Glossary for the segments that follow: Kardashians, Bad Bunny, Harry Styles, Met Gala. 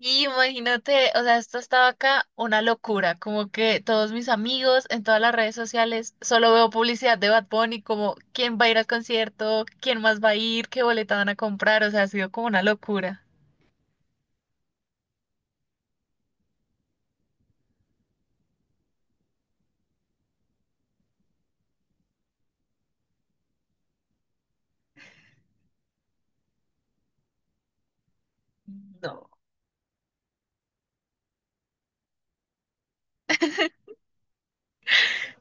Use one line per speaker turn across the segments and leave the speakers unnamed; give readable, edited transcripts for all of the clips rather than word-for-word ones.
Y imagínate, o sea, esto estaba acá una locura, como que todos mis amigos en todas las redes sociales solo veo publicidad de Bad Bunny, como quién va a ir al concierto, quién más va a ir, qué boleta van a comprar, o sea, ha sido como una locura. No.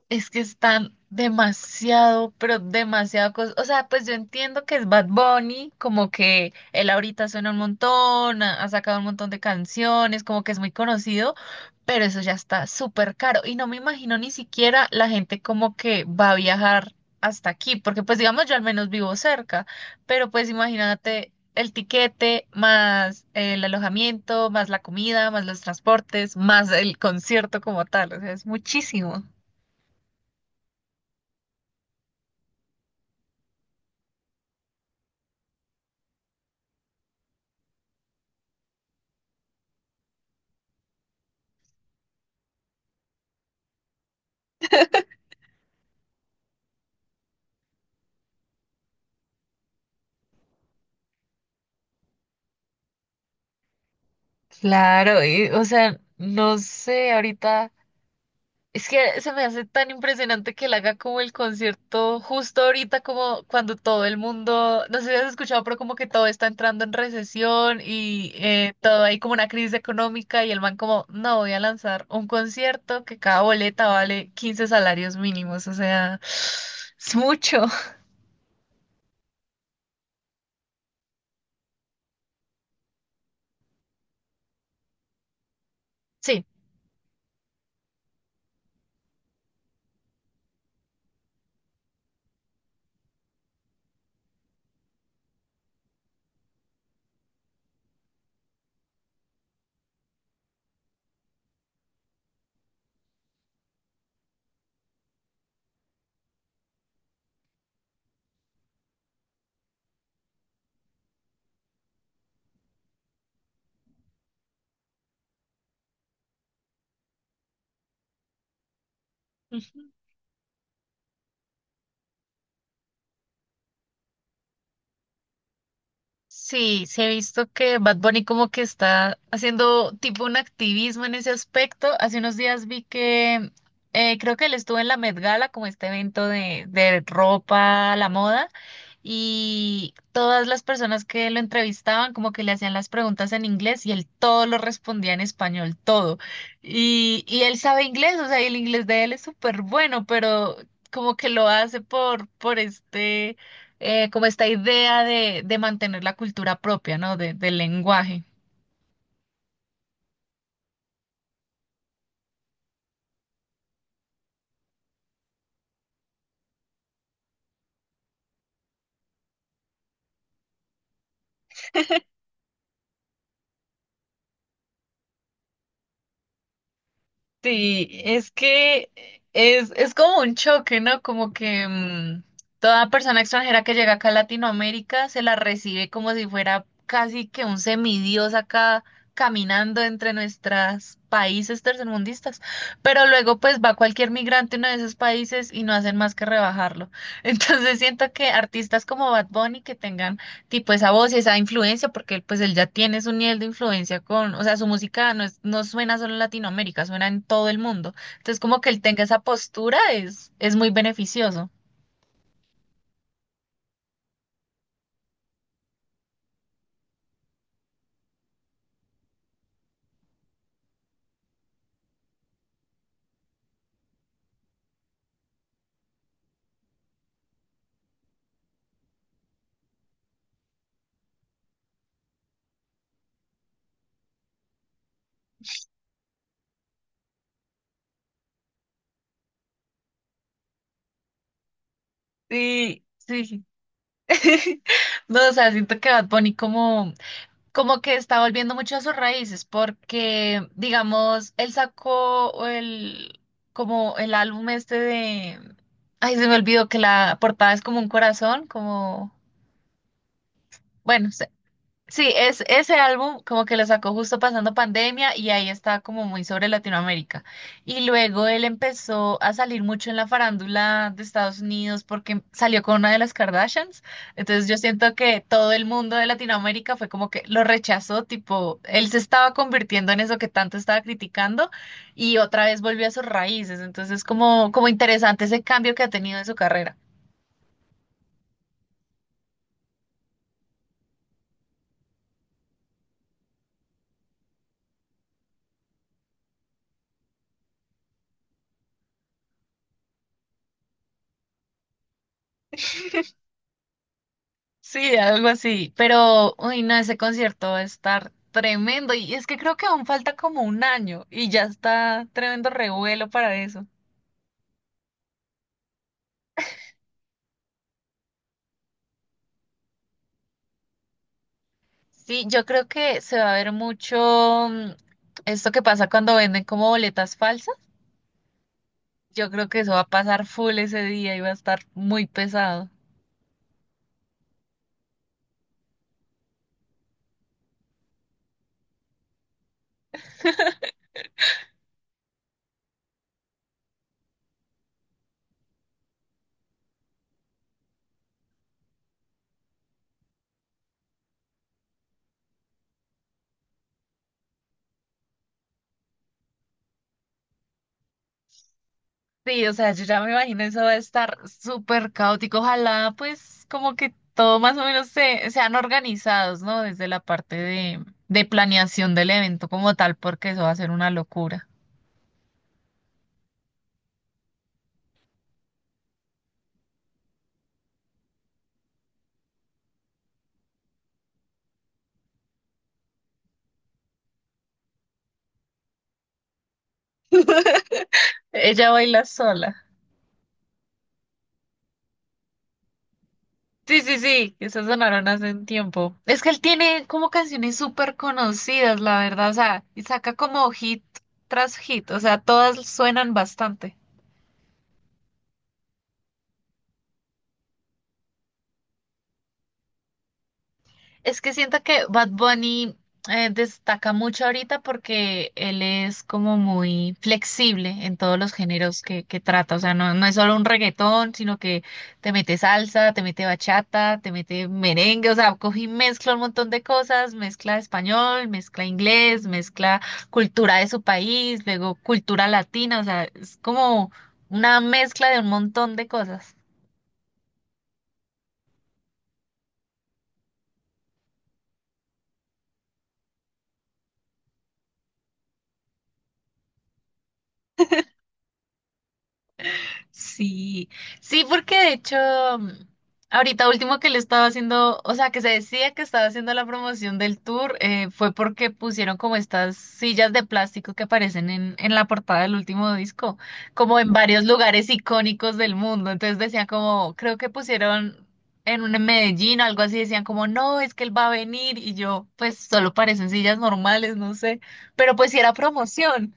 Es que están demasiado, pero demasiado cosas. O sea, pues yo entiendo que es Bad Bunny, como que él ahorita suena un montón, ha sacado un montón de canciones, como que es muy conocido, pero eso ya está súper caro. Y no me imagino ni siquiera la gente como que va a viajar hasta aquí, porque pues digamos yo al menos vivo cerca, pero pues imagínate el tiquete, más el alojamiento, más la comida, más los transportes, más el concierto como tal. O sea, es muchísimo. Claro, y, o sea, no sé, ahorita es que se me hace tan impresionante que él haga como el concierto justo ahorita, como cuando todo el mundo, no sé si has escuchado, pero como que todo está entrando en recesión y todo hay como una crisis económica y el man como, no, voy a lanzar un concierto que cada boleta vale 15 salarios mínimos, o sea, es mucho. Sí. Ujú. Sí, sí he visto que Bad Bunny como que está haciendo tipo un activismo en ese aspecto. Hace unos días vi que creo que él estuvo en la Met Gala como este evento de ropa, la moda y todas las personas que lo entrevistaban como que le hacían las preguntas en inglés y él todo lo respondía en español, todo. Y él sabe inglés, o sea, y el inglés de él es súper bueno, pero como que lo hace por este, como esta idea de mantener la cultura propia, ¿no? De, del lenguaje. Sí, es que es como un choque, ¿no? Como que toda persona extranjera que llega acá a Latinoamérica se la recibe como si fuera casi que un semidios acá caminando entre nuestros países tercermundistas. Pero luego pues va cualquier migrante a uno de esos países y no hacen más que rebajarlo. Entonces siento que artistas como Bad Bunny que tengan tipo esa voz y esa influencia, porque él, pues él ya tiene su nivel de influencia con, o sea, su música no es, no suena solo en Latinoamérica, suena en todo el mundo. Entonces, como que él tenga esa postura es muy beneficioso. Sí, sí. No, o sea, siento que Bad Bunny como, como que está volviendo mucho a sus raíces, porque, digamos, él sacó el, como el álbum este de, ay, se me olvidó que la portada es como un corazón, como, bueno. Sí, es ese álbum como que lo sacó justo pasando pandemia y ahí está como muy sobre Latinoamérica. Y luego él empezó a salir mucho en la farándula de Estados Unidos porque salió con una de las Kardashians. Entonces yo siento que todo el mundo de Latinoamérica fue como que lo rechazó, tipo, él se estaba convirtiendo en eso que tanto estaba criticando y otra vez volvió a sus raíces. Entonces como interesante ese cambio que ha tenido en su carrera. Sí, algo así. Pero, uy, no, ese concierto va a estar tremendo. Y es que creo que aún falta como un año y ya está tremendo revuelo para eso. Sí, yo creo que se va a ver mucho esto que pasa cuando venden como boletas falsas. Yo creo que eso va a pasar full ese día y va a estar muy pesado. Sí, o sea, yo ya me imagino eso va a estar súper caótico. Ojalá, pues, como que todo más o menos se, sean organizados, ¿no? Desde la parte de planeación del evento como tal, porque eso va a ser una locura. Ella Baila Sola. Sí, sí, sí, esas sonaron hace un tiempo. Es que él tiene como canciones súper conocidas, la verdad, o sea, y saca como hit tras hit, o sea, todas suenan bastante. Es que siento que Bad Bunny destaca mucho ahorita porque él es como muy flexible en todos los géneros que trata. O sea, no, no es solo un reggaetón, sino que te mete salsa, te mete bachata, te mete merengue. O sea, coge y mezcla un montón de cosas, mezcla español, mezcla inglés, mezcla cultura de su país, luego cultura latina. O sea, es como una mezcla de un montón de cosas. Sí, sí, porque de hecho, mm, ahorita último que le estaba haciendo, o sea, que se decía que estaba haciendo la promoción del tour, fue porque pusieron como estas sillas de plástico que aparecen en la portada del último disco, como en varios lugares icónicos del mundo. Entonces decían como, creo que pusieron en un en Medellín o algo así, decían como, no, es que él va a venir y yo, pues solo parecen sillas normales, no sé, pero pues sí era promoción.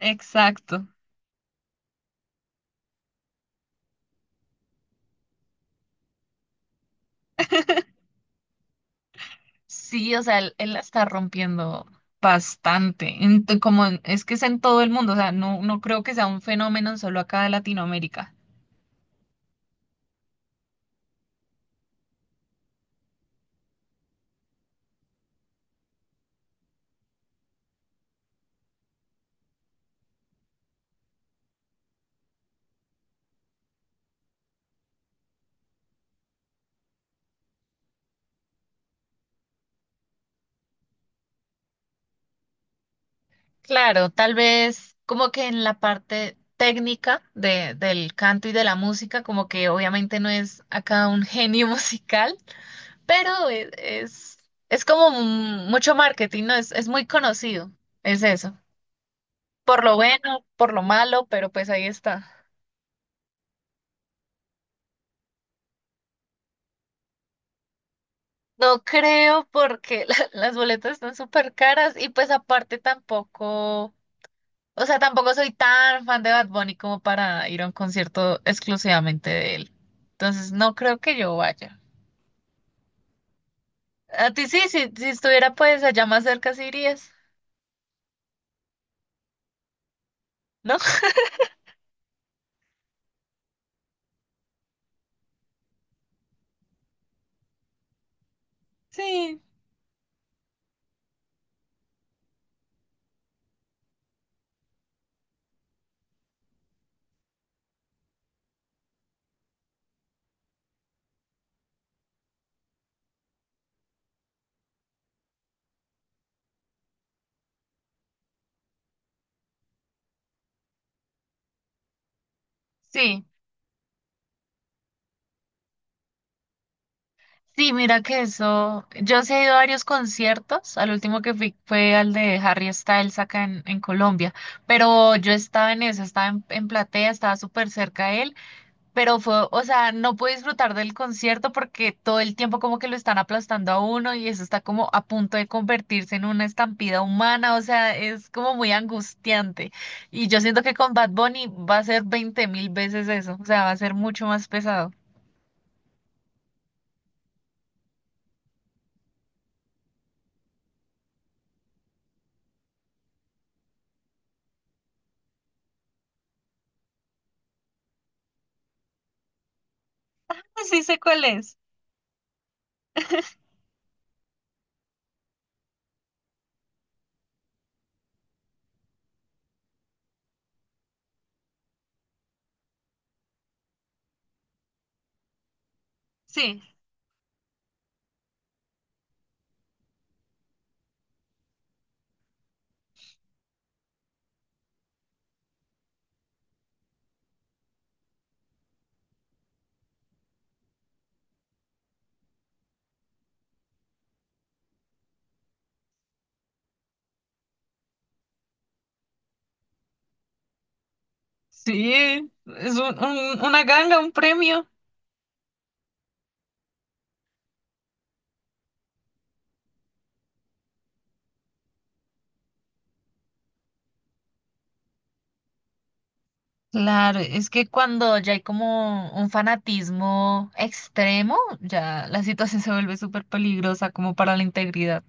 Exacto. Sí, o sea, él la está rompiendo bastante. En to- como en- Es que es en todo el mundo, o sea, no, no creo que sea un fenómeno solo acá de Latinoamérica. Claro, tal vez como que en la parte técnica de, del canto y de la música, como que obviamente no es acá un genio musical, pero es, como mucho marketing, ¿no? Es muy conocido, es eso. Por lo bueno, por lo malo, pero pues ahí está. No creo porque las boletas están súper caras y pues aparte tampoco, o sea, tampoco soy tan fan de Bad Bunny como para ir a un concierto exclusivamente de él. Entonces no creo que yo vaya. A ti sí, sí, si estuviera pues allá más cerca sí irías, ¿no? Sí. Sí, sí, mira que eso. Yo sí he ido a varios conciertos. Al último que fui fue al de Harry Styles acá en Colombia. Pero yo estaba en eso, estaba en platea, estaba súper cerca de él. Pero fue, o sea, no pude disfrutar del concierto porque todo el tiempo como que lo están aplastando a uno y eso está como a punto de convertirse en una estampida humana, o sea, es como muy angustiante. Y yo siento que con Bad Bunny va a ser 20.000 veces eso, o sea, va a ser mucho más pesado. Sí sé cuál es. Sí. Sí, es una ganga, un premio. Claro, es que cuando ya hay como un fanatismo extremo, ya la situación se vuelve súper peligrosa como para la integridad.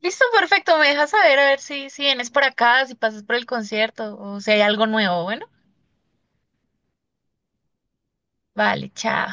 Listo, perfecto. Me dejas saber a ver si, si vienes por acá, si pasas por el concierto o si hay algo nuevo. Bueno, vale, chao.